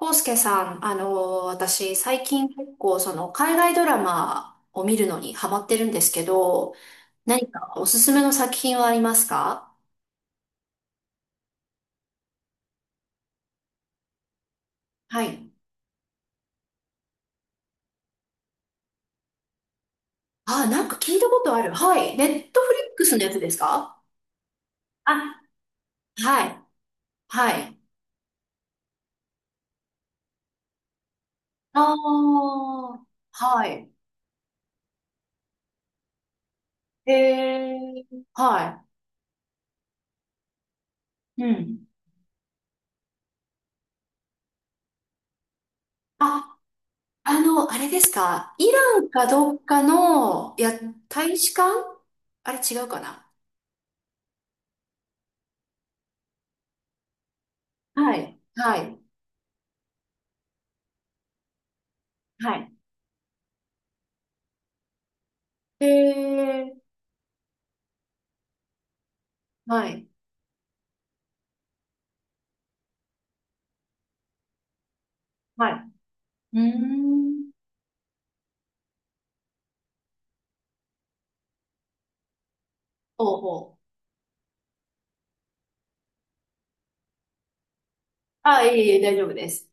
康介さん、私、最近結構、海外ドラマを見るのにハマってるんですけど、何かおすすめの作品はありますか？はい。あ、なんか聞いたことある。はい。ネットフリックスのやつですか？あ、はい。はい。ああ、はい。へえ、はい。うん。あ、あれですか。イランかどっかの、いや、大使館？あれ違うかな？はい。はい。はい。へえ、はい、はい。うーん。ほうほう。ああ、いえいえ、大丈夫です。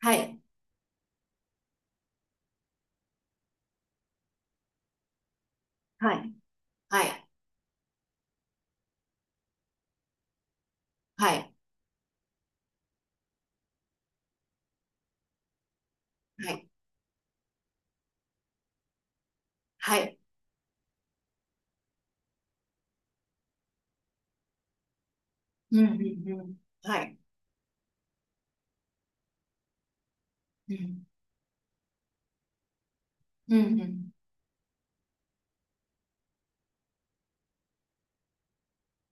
はい、はい、はい、はい、はい、はい、うん、うん、うんはい、うん。うん、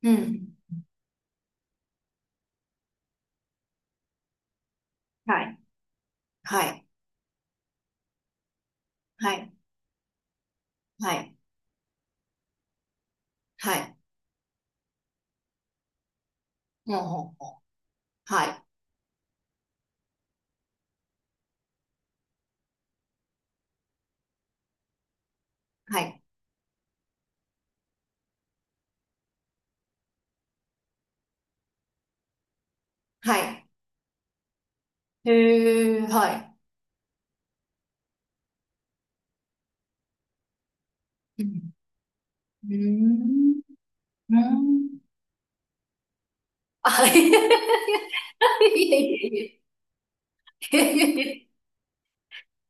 うん、うん。はい、はい、はい、はい、はい、ほうほうほう。はい、はい、はい。へえ、はい。うん、うーん、うーん。はい。いえいえいえいえいえいえ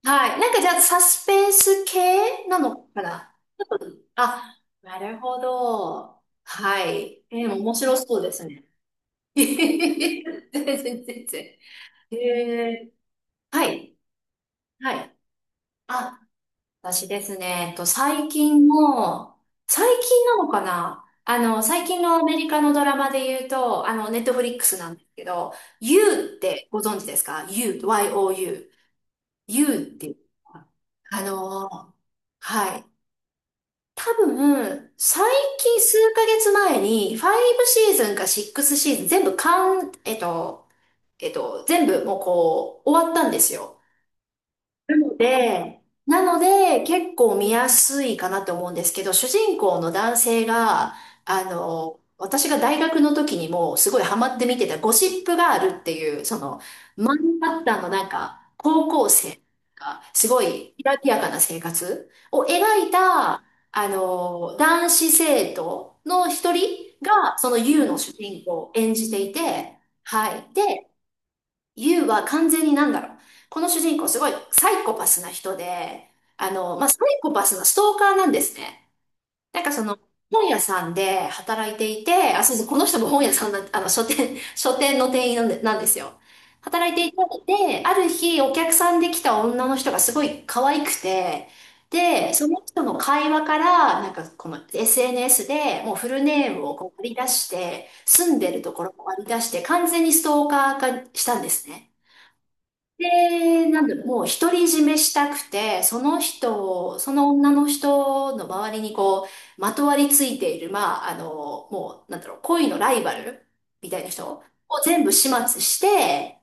はい。なんかじゃあ、サスペンス系なのかな？あ、なるほど。はい。面白そうですね。全然、全然。えー、はい。はい。あ、私ですね、最近の、最近なのかな最近のアメリカのドラマで言うと、ネットフリックスなんですけど、You ってご存知ですか？ You、Y-O-U。You っていう、あのはい。多分、最近数ヶ月前に、5シーズンか6シーズン全部完、全部もうこう、終わったんですよ。なので、結構見やすいかなと思うんですけど、主人公の男性が、私が大学の時にもすごいハマって見てたゴシップガールっていう、その、マンハッタンのなんか、高校生が、すごい、きらびやかな生活を描いた、男子生徒の一人が、その U の主人公を演じていて、はい。でユウは完全になんだろう。この主人公すごいサイコパスな人で、まあ、サイコパスのストーカーなんですね。なんかその、本屋さんで働いていて、あ、そうそう、この人も本屋さんなん、書店、書店の店員なんで、なんですよ。働いていて、で、ある日お客さんで来た女の人がすごい可愛くて、で、その人の会話から、なんかこの SNS でもうフルネームをこう割り出して、住んでるところを割り出して、完全にストーカー化したんですね。で、なんだろう、もう独り占めしたくて、その人を、その女の人の周りにこう、まとわりついている、まあ、もう、なんだろう、恋のライバルみたいな人を全部始末して、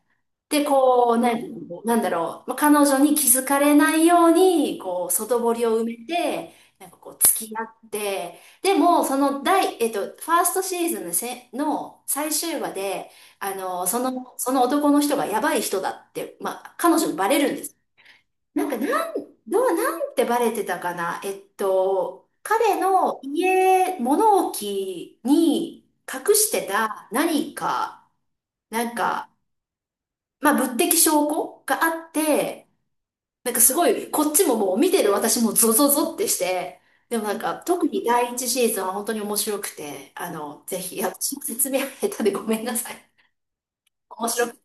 で、こう、なんなんだろう、まあ、彼女に気づかれないように、こう、外堀を埋めて、なんかこう、付き合って、でも、その第、ファーストシーズンのせ、の最終話で、その男の人がやばい人だって、まあ、彼女にバレるんです。なんか、なん、どう、なんてバレてたかな。彼の家、物置に隠してた何か、なんか、まあ、物的証拠があって、なんかすごい、こっちももう見てる私もゾゾゾってして、でもなんか、特に第一シーズンは本当に面白くて、ぜひ、いや、私も説明下手でごめんなさい。面白く。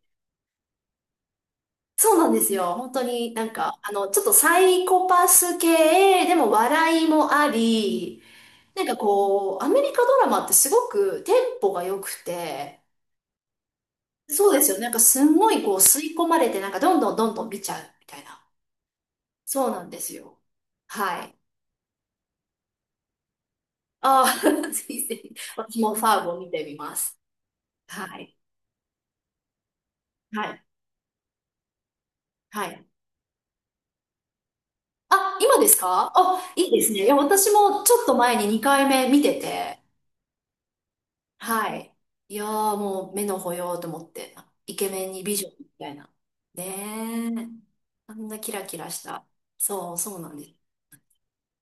そうなんですよ。本当になんか、ちょっとサイコパス系、でも笑いもあり、なんかこう、アメリカドラマってすごくテンポが良くて、そうですよね。なんかすんごいこう吸い込まれて、なんかどんどんどんどん見ちゃうみたいな。そうなんですよ。はい。ああ、ぜひぜひ。私もファーゴを見てみます。はい。はい。はい。あ、今ですか？あ、いいですね。いや、私もちょっと前に2回目見てて、はい。いやーもう目の保養と思って、イケメンに美女みたいな。ねえ。あんなキラキラした。そう、そうなんです。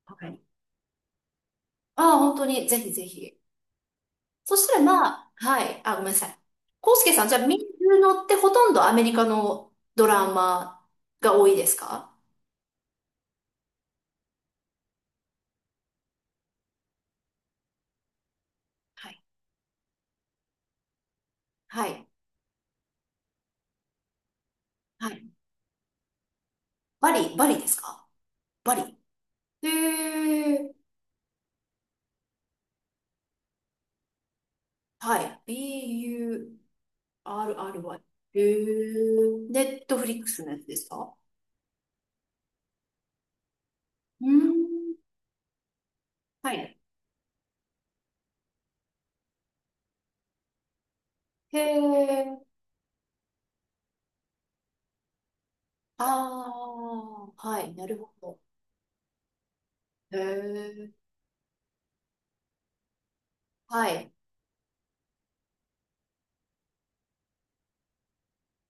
はい。ああ、本当に、ぜひぜひ。そしたらまあ、はい。あ、ごめんなさい。コウスケさん、じゃあ見るのってほとんどアメリカのドラマが多いですか？はい。はい。はい。バリですか？バリ。へー。はい。B-U-R-R-Y。へー。ネットフリックスのやつですか？うーん。はい。へー。あー。はい。なるほど。へー。はい。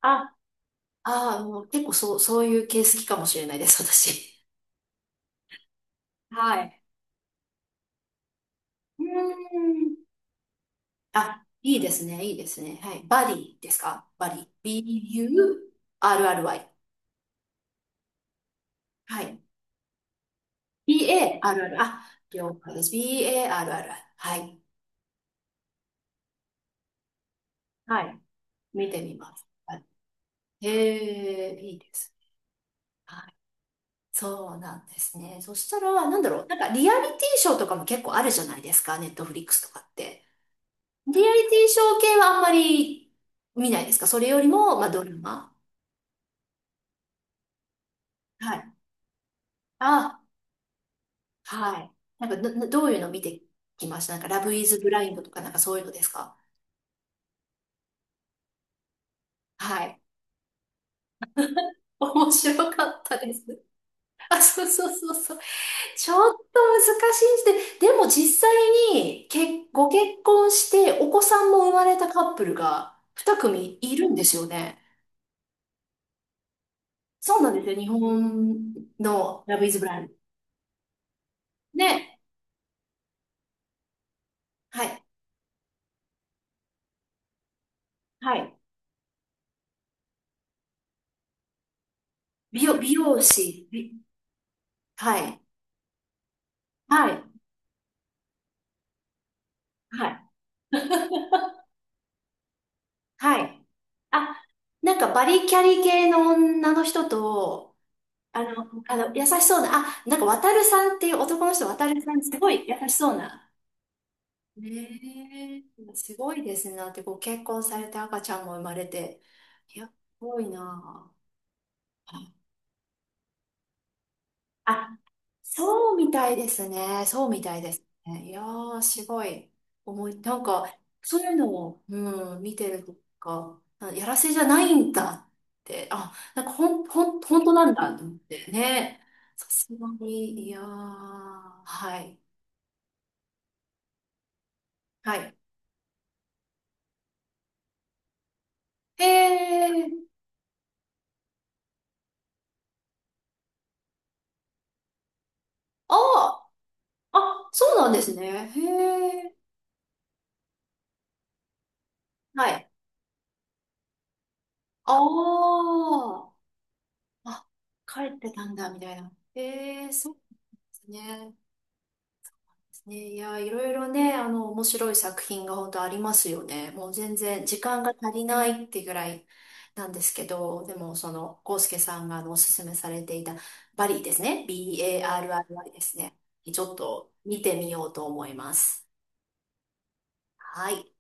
あ、ああ、もう結構そう、そういう系好きかもしれないです、私。はい。うーん。あ、いいですね、いいですね。はい。バディですか？バディ。B-U-R-R-Y。はい。B-A-R-R。あ、了解です。B-A-R-R。はい。はい。見てみます。はい、へえ、いいです。はい。そうなんですね。そしたら、なんだろう。なんか、リアリティショーとかも結構あるじゃないですか。ネットフリックスとかって。リアリティショー系はあんまり見ないですか？それよりも、まあ、ドラマ。はい。あはい。なんか、ど、どういうの見てきました？なんか、ラブイズブラインドとか、なんかそういうのですか？はい。面白かったです。あ、そうそうそうそう。ちょっと難しいです。でも実際に、け、ご結婚して、お子さんも生まれたカップルが2組いるんですよね。そうなんですよ。日本のラブイズブラインド。ね。はい。はい。美容師。はい。はい。はい。はい。あ、なんかバリキャリ系の女の人と、あの、あの、優しそうな、あ、なんか渡るさんっていう男の人、渡るさん、すごい優しそうな。ねえ、すごいですね。だってご結婚されて赤ちゃんも生まれて。いや、すごいな。あ、そうみたいですね。そうみたいですね。いやー、すごい。思い、なんか、そういうのを、うん、見てるとか、あやらせじゃないんだって、あ、なんか、ほん、ほん、本当なんだと思ってね。さすがに、いやー、はい。はい。へえ、あああ、そうなんですね。へえ、はい。あああ、帰ってたんだ、みたいな。へえ、そうですね。ね、いや、いろいろね、面白い作品が本当ありますよね。もう全然時間が足りないってぐらいなんですけど、でもその、コウスケさんがおすすめされていたバリーですね。B-A-R-R-Y ですね。ちょっと見てみようと思います。はい。